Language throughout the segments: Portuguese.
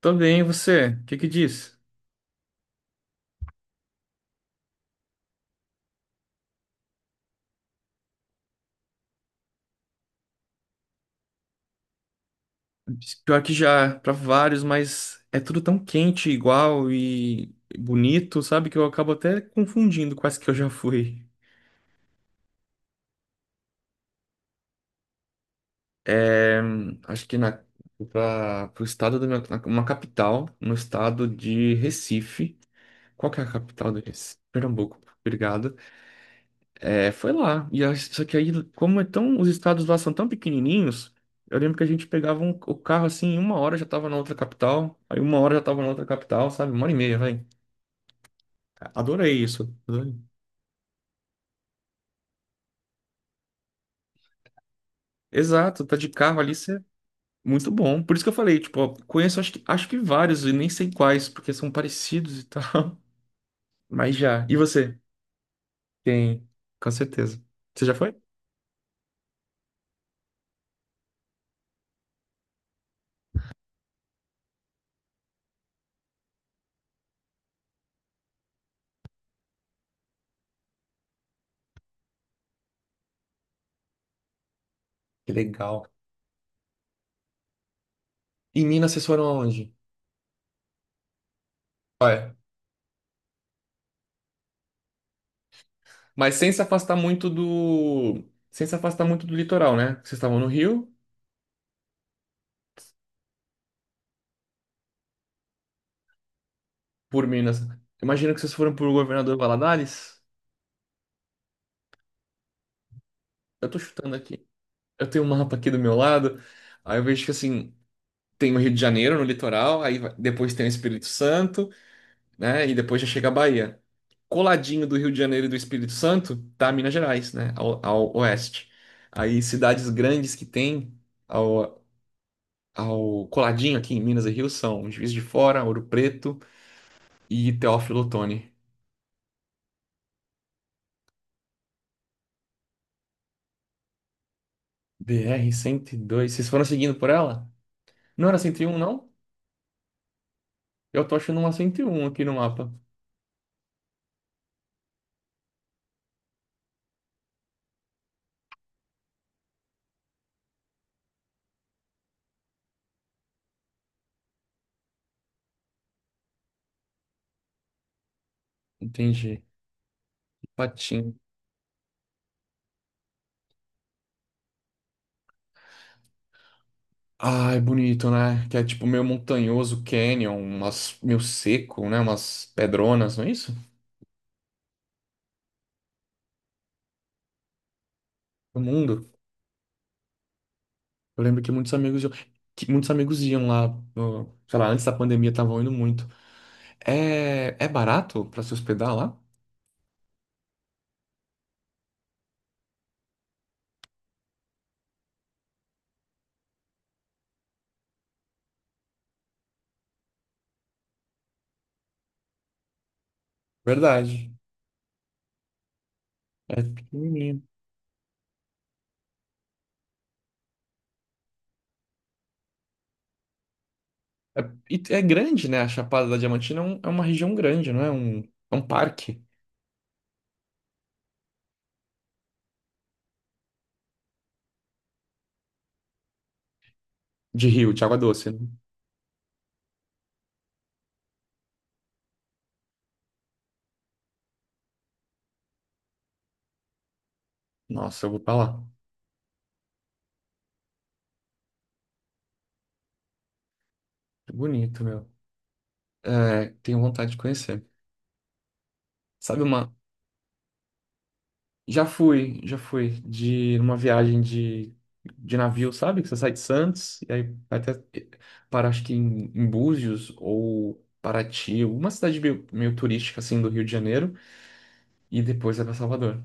Tô bem, e você? O que que diz? Pior que já, pra vários, mas é tudo tão quente, igual e bonito, sabe? Que eu acabo até confundindo quase que eu já fui. É, acho que na, pra, pro estado da minha, uma capital, no estado de Recife. Qual que é a capital do Recife? Pernambuco. Obrigado. É, foi lá. Só que aí, como é tão, os estados lá são tão pequenininhos, eu lembro que a gente pegava o carro assim, em uma hora já tava na outra capital, aí uma hora já tava na outra capital, sabe? Uma hora e meia, vai. Adorei isso. Adorei. Exato, tá de carro ali, você é muito bom. Por isso que eu falei, tipo, ó, conheço acho que vários e nem sei quais, porque são parecidos e tal. Mas já. E você? Tem, com certeza. Você já foi? Que legal. E Minas, vocês foram aonde? Mas sem se afastar muito do. Sem se afastar muito do litoral, né? Vocês estavam no Rio, por Minas. Imagino que vocês foram por Governador Valadares. Eu tô chutando aqui. Eu tenho um mapa aqui do meu lado. Aí eu vejo que assim, tem o Rio de Janeiro no litoral, depois tem o Espírito Santo, né? E depois já chega a Bahia. Coladinho do Rio de Janeiro e do Espírito Santo, tá Minas Gerais, né? Ao oeste. Aí cidades grandes que tem ao, ao coladinho aqui em Minas e Rio são Juiz de Fora, Ouro Preto e Teófilo Otoni. BR dois. Vocês foram seguindo por ela? Não era 101 não? Eu tô achando uma cento e um aqui no mapa. Entendi. Patinho. Ah, é bonito, né? Que é tipo meio montanhoso, canyon, umas meio seco, né? Umas pedronas, não é isso? O mundo. Eu lembro que muitos amigos iam, lá, sei lá, antes da pandemia estavam indo muito. É barato pra se hospedar lá? Verdade. É pequenininho. É, e é grande, né? A Chapada da Diamantina é, é uma região grande, não é? É um parque de rio, de água doce, né? Nossa, eu vou pra lá. É bonito, meu. É, tenho vontade de conhecer. Sabe uma... Já fui de uma viagem de navio, sabe? Que você sai de Santos e aí vai até para, acho que em Búzios ou Paraty, uma cidade meio turística, assim, do Rio de Janeiro, e depois vai pra Salvador.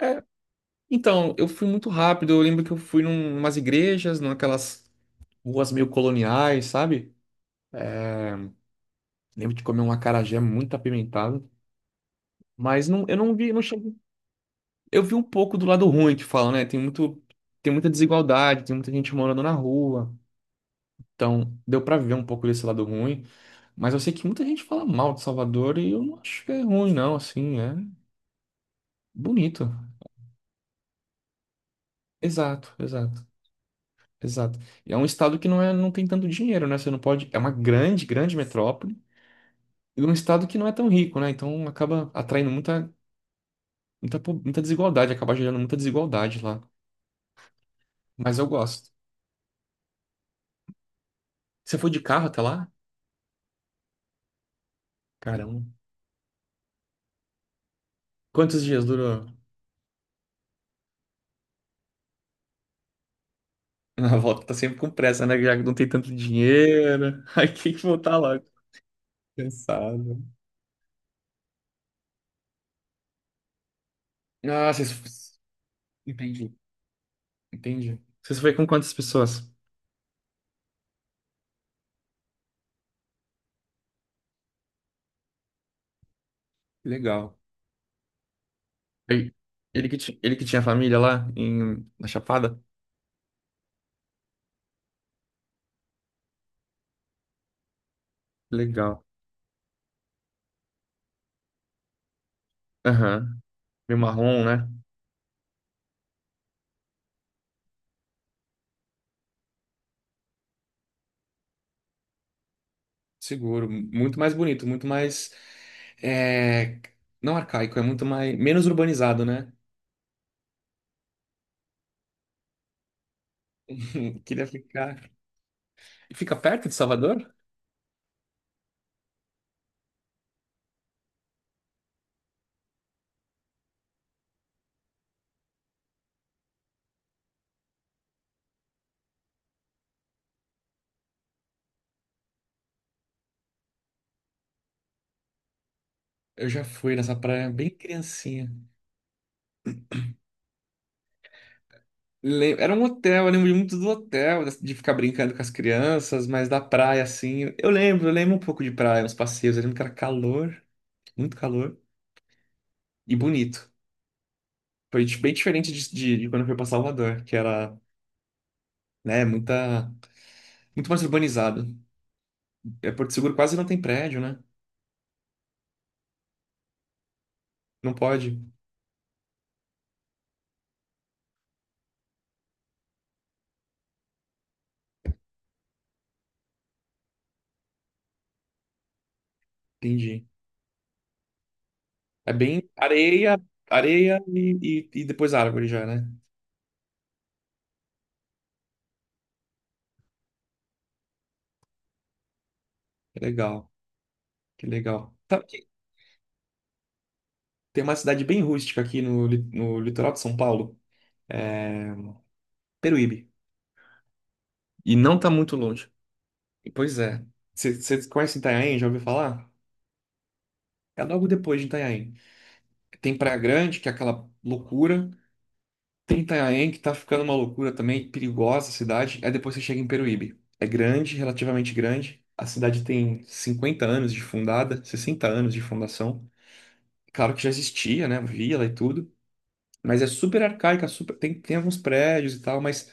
É, então, eu fui muito rápido. Eu lembro que eu fui umas igrejas, naquelas ruas meio coloniais, sabe? Lembro de comer um acarajé muito apimentado. Mas não, eu não vi, não cheguei. Eu vi um pouco do lado ruim que falam, né? Tem muita desigualdade, tem muita gente morando na rua. Então, deu pra ver um pouco desse lado ruim. Mas eu sei que muita gente fala mal de Salvador e eu não acho que é ruim, não. Assim, é bonito. Exato, exato, exato. E é um estado que não tem tanto dinheiro, né? Você não pode. É uma grande, grande metrópole, num estado que não é tão rico, né? Então acaba atraindo muita desigualdade, acaba gerando muita desigualdade lá. Mas eu gosto. Você foi de carro até lá? Caramba. Quantos dias durou? Na volta tá sempre com pressa, né? Já que não tem tanto dinheiro. Aí tem que voltar lá. Cansado. Ah, vocês. Entendi. Entendi. Vocês foi com quantas pessoas? Legal. Aí, ele que tinha família lá na Chapada? Legal. Aham. Meio marrom, né? Seguro, muito mais bonito, muito mais. É, não arcaico, é muito mais. Menos urbanizado, né? Queria ficar. E fica perto de Salvador? Eu já fui nessa praia bem criancinha. Era um hotel, eu lembro muito do hotel, de ficar brincando com as crianças, mas da praia, assim. Eu lembro um pouco de praia, uns passeios. Eu lembro que era calor, muito calor e bonito. Bem diferente de quando eu fui para Salvador, que era, né, muito mais urbanizado. É, Porto Seguro quase não tem prédio, né? Não pode? Entendi. É bem areia, areia e depois árvore já, né? Que legal, que legal. Sabe que tem uma cidade bem rústica aqui no litoral de São Paulo, é Peruíbe. E não tá muito longe. Pois é. Você conhece Itanhaém? Já ouviu falar? É logo depois de Itanhaém. Tem Praia Grande, que é aquela loucura. Tem Itanhaém, que tá ficando uma loucura também, perigosa a cidade. Aí depois você chega em Peruíbe. É grande, relativamente grande. A cidade tem 50 anos de fundada, 60 anos de fundação. Claro que já existia, né? Vila e tudo. Mas é super arcaica, super... tem alguns prédios e tal, mas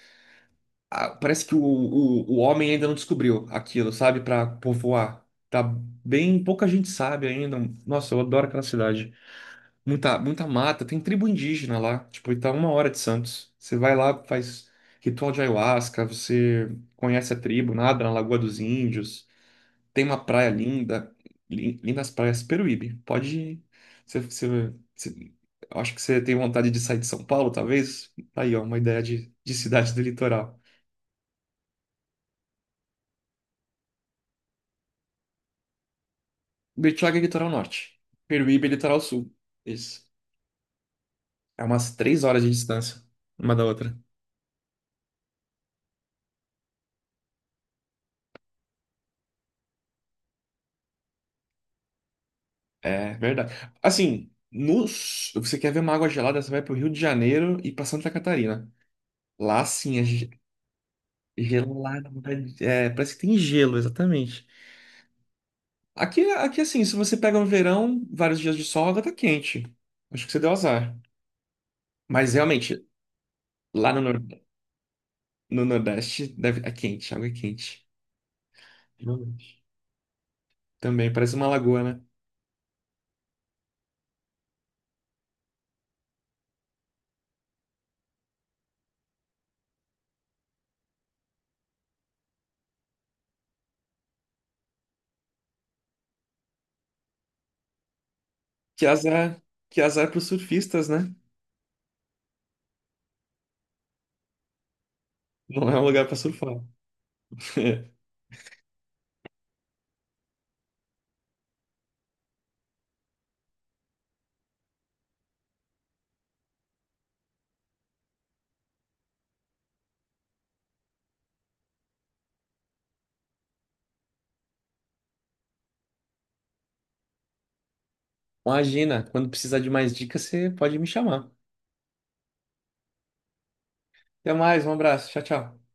ah, parece que o homem ainda não descobriu aquilo, sabe? Pra povoar. Tá bem... Pouca gente sabe ainda. Nossa, eu adoro aquela cidade. Muita, muita mata, tem tribo indígena lá, tipo, e tá uma hora de Santos. Você vai lá, faz ritual de ayahuasca, você conhece a tribo, nada na Lagoa dos Índios, tem uma praia linda, lindas praias, Peruíbe. Pode ir. Você- eu acho que você tem vontade de sair de São Paulo, talvez? Tá aí, ó, uma ideia de cidade do litoral. Bertioga é litoral norte, Peruíbe é litoral sul. Isso. É umas 3 horas de distância uma da outra. É verdade. Assim, você quer ver uma água gelada, você vai pro Rio de Janeiro e pra Santa Catarina. Lá sim, gelada. Parece que tem gelo, exatamente. Aqui assim, se você pega um verão, vários dias de sol, a água tá quente. Acho que você deu azar. Mas realmente, lá no Nordeste, deve... é quente, a água é quente. Realmente. Também, parece uma lagoa, né? Que azar, que azar pros surfistas, né? Não é um lugar pra surfar. Imagina, quando precisar de mais dicas, você pode me chamar. Até mais, um abraço. Tchau, tchau.